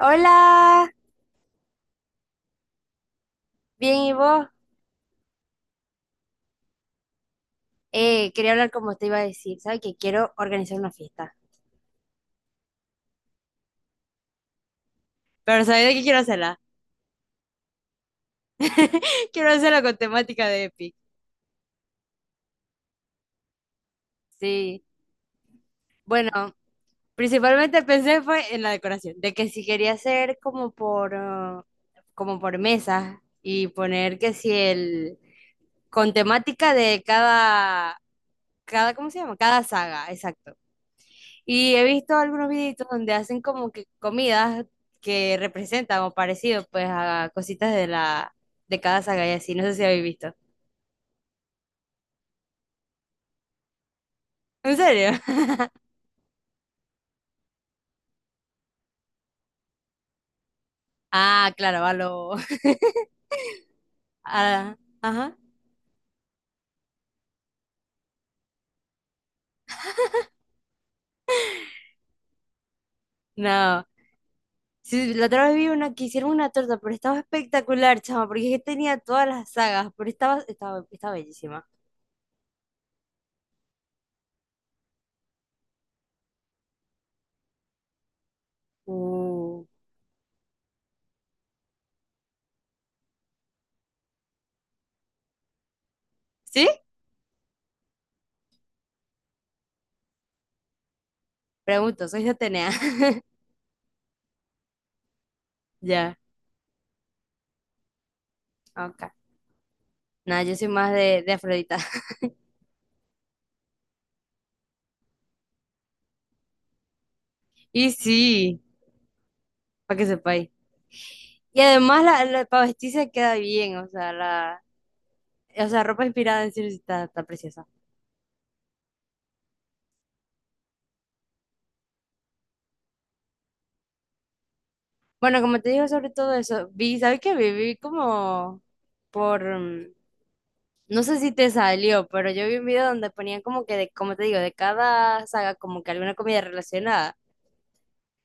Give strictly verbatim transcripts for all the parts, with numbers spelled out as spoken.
Hola, bien, ¿y vos? Eh, quería hablar como te iba a decir, ¿sabes? Que quiero organizar una fiesta. Pero ¿sabes de qué quiero hacerla? Quiero hacerla con temática de Epic. Sí, bueno, principalmente pensé fue en la decoración, de que si quería hacer como por, ah, como por mesas y poner que si el, con temática de cada, cada, ¿cómo se llama? Cada saga, exacto. Y he visto algunos videitos donde hacen como que comidas que representan o parecido pues a cositas de la de cada saga y así, no sé si habéis visto. ¿En serio? Ah, claro, a lo a- ajá. No. Sí, la otra vez vi una que hicieron una torta, pero estaba espectacular, chama, porque es que tenía todas las sagas, pero estaba estaba, estaba bellísima. Uh. ¿Sí? Pregunto, soy de Atenea. Ya, ok. Nada, yo soy más de, de Afrodita. Y sí, para que sepáis. Y además la, la- para vestirse queda bien, o sea, la, o sea, ropa inspirada en sí está, está preciosa. Bueno, como te digo sobre todo eso, vi, ¿sabes qué? Vi, vi como por, mm, no sé si te salió, pero yo vi un video donde ponían como que, de, como te digo, de cada saga como que alguna comida relacionada.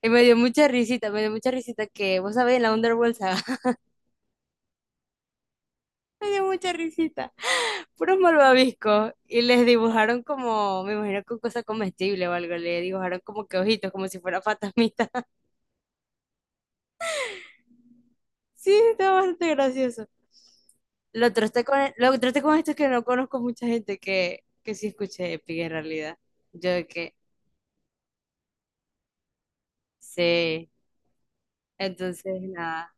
Y me dio mucha risita, me dio mucha risita que, vos sabés, la Underworld saga, me dio mucha risita. Puros malvaviscos y les dibujaron como, me imagino con cosa comestible o algo, le dibujaron como que ojitos, como si fuera fantasmita. Sí, está bastante gracioso. Lo traté con, lo traté con esto que no conozco mucha gente que, que sí escuche Epic en realidad. Yo de que sí. Entonces, nada.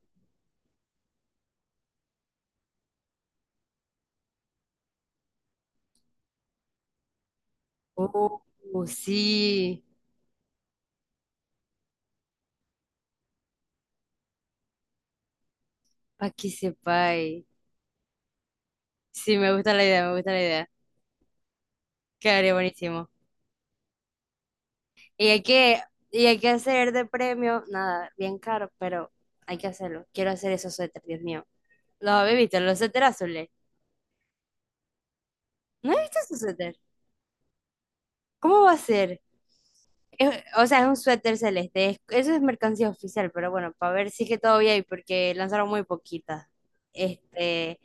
Uh, uh, sí, para que sepáis. Sí, me gusta la idea, me gusta la idea. Quedaría buenísimo. Y hay que, y hay que hacer de premio, nada, bien caro, pero hay que hacerlo. Quiero hacer esos suéteres, Dios mío. ¿Los habéis visto? Los suéteres azules. ¿No he visto esos suéteres? ¿Cómo va a ser? Es- o sea, es un suéter celeste. Es- eso es mercancía oficial, pero bueno, para ver si es que todavía hay, porque lanzaron muy poquitas. Este,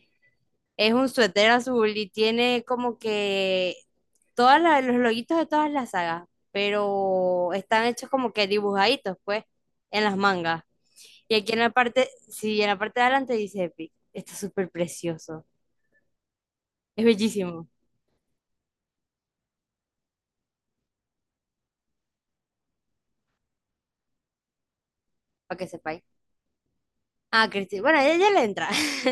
es un suéter azul y tiene como que todos los loguitos de todas las sagas, pero están hechos como que dibujaditos, pues, en las mangas. Y aquí en la parte, sí, en la parte de adelante dice Epic. Está súper precioso. Es bellísimo, para que sepáis. Ah, Cristi, bueno, ella ya le entra.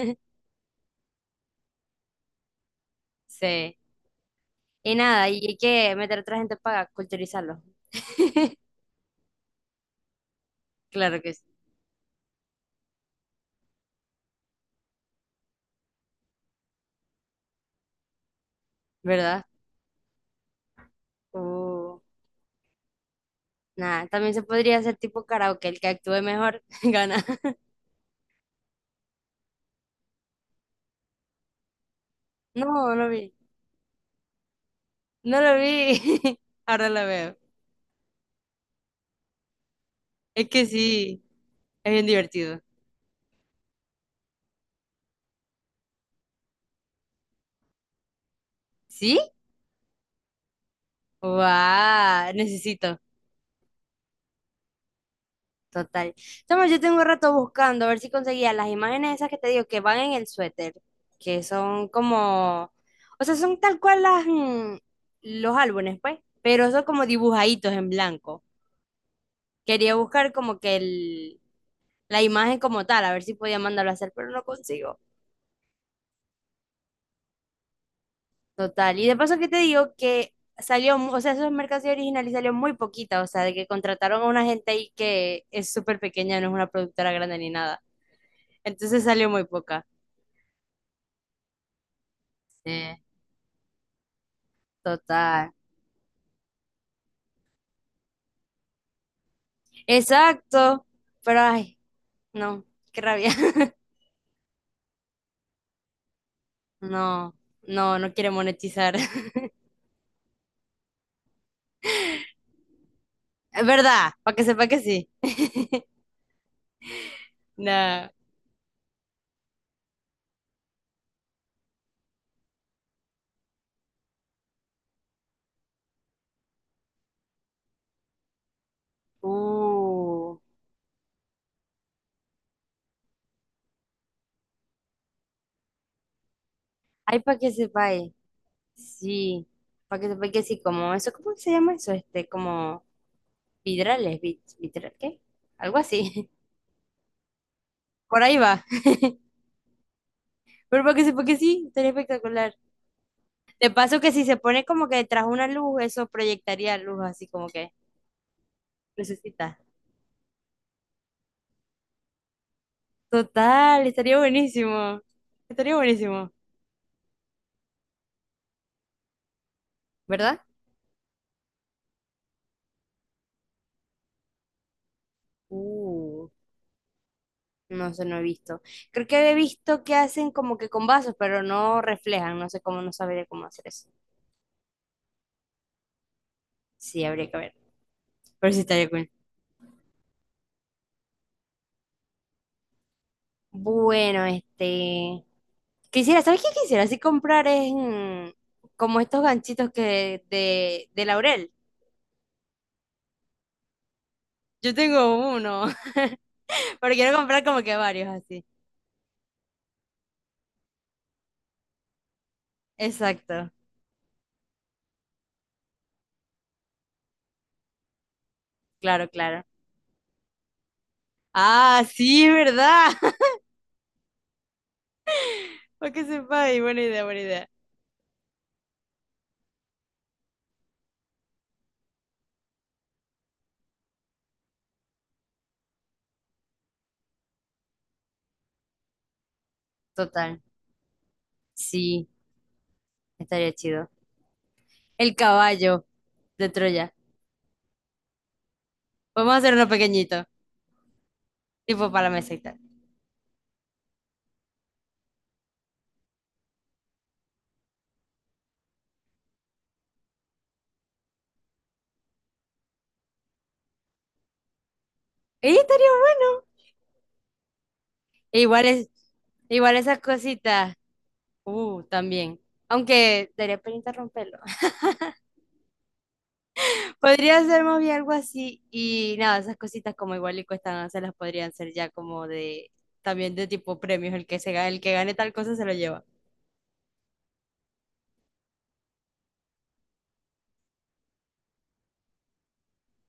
Sí. Y nada, y hay que meter a otra gente para culturizarlo. Claro que sí, ¿verdad? Uh, nada, también se podría hacer tipo karaoke, el que actúe mejor gana. No, no vi, no lo vi. Ahora lo veo. Es que sí, es bien divertido. ¿Sí? ¡Wow! Necesito, total. Toma, yo tengo un rato buscando a ver si conseguía las imágenes esas que te digo que van en el suéter, que son como, o sea, son tal cual las, mm, los álbumes, pues, pero son como dibujaditos en blanco. Quería buscar como que el la imagen como tal, a ver si podía mandarlo a hacer, pero no consigo. Total. Y de paso que te digo que salió, mu- o sea, esa mercancía original y salió muy poquita, o sea, de que contrataron a una gente ahí que es súper pequeña, no es una productora grande ni nada. Entonces salió muy poca. Sí, total. Exacto. Pero ay, no, qué rabia. No, no, no quiere monetizar. Es verdad, para que sepa que sí. No. Uh. Ay, para que sepa. eh. Sí, porque, porque sí, como eso, ¿cómo se llama eso? Este, como vidrales, vit- vitral, ¿qué? Algo así. Por ahí va. Pero porque sí, porque sí, estaría espectacular. De paso que si se pone como que tras una luz, eso proyectaría luz así como que necesita. Total, estaría buenísimo. Estaría buenísimo, ¿verdad? Uh, no sé, no he visto. Creo que he visto que hacen como que con vasos, pero no reflejan. No sé cómo, no sabría cómo hacer eso. Sí, habría que ver. Pero sí estaría cool. Bueno, este... Quisiera, ¿sabes qué quisiera? Así comprar es mm, como estos ganchitos que de, de laurel. Yo tengo uno, pero quiero comprar como que varios así. Exacto, claro, claro. Ah, sí, ¿verdad? Para que sepa, ahí, buena idea, buena idea. Total, sí, estaría chido. El caballo de Troya. Vamos a hacer uno pequeñito, tipo para la mesa y tal. ¡Ey, estaría bueno! E igual es, igual esas cositas. Uh, también. Aunque daría penita romperlo. Podría ser más bien algo así. Y nada, esas cositas como igual y cuestan, se las podrían ser ya como de, también de tipo premios. El que se gane, el que gane tal cosa se lo lleva.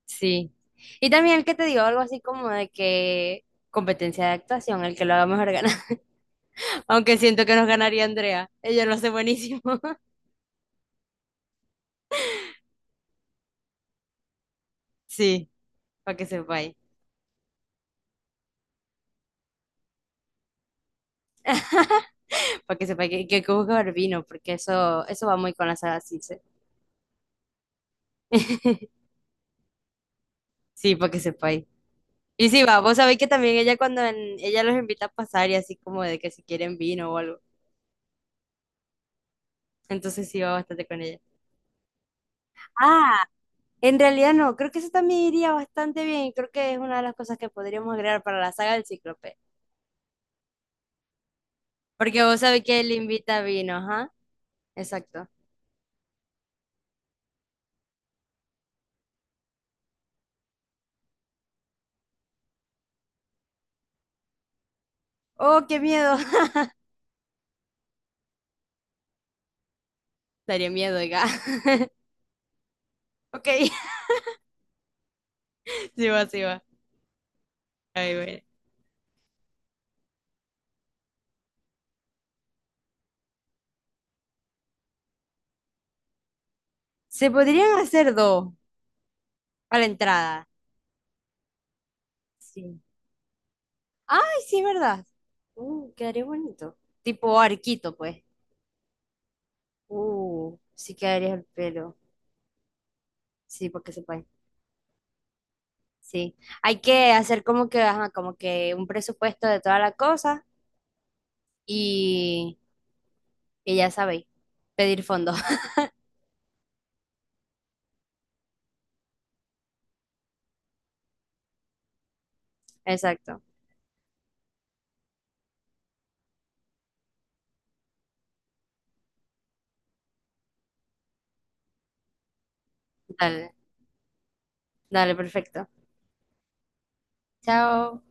Sí. Y también el que te digo algo así como de que competencia de actuación, el que lo haga mejor gana. Aunque siento que nos ganaría Andrea. Ella lo hace buenísimo. Sí, para que sepáis. Para que sepáis que, que hay que buscar vino, porque eso, eso va muy con la saga Circe. Sí, para que sepáis. Y sí, va, vos sabéis que también ella cuando en- ella los invita a pasar y así como de que si quieren vino o algo. Entonces sí va bastante con ella. Ah, en realidad no, creo que eso también iría bastante bien y creo que es una de las cosas que podríamos agregar para la saga del Cíclope. Porque vos sabéis que él invita vino, ajá, exacto. Oh, qué miedo. Daría miedo, oiga. Ok, sí va, sí va. Ahí bueno. Se podrían hacer dos a la entrada. Sí. Ay, sí, ¿verdad? Uh, quedaría bonito. Tipo arquito, pues. Uh, sí quedaría el pelo. Sí, porque se puede. Sí. Hay que hacer como que, ajá, como que un presupuesto de toda la cosa y, y ya sabéis, pedir fondos. Exacto. Dale, dale, perfecto. Chao.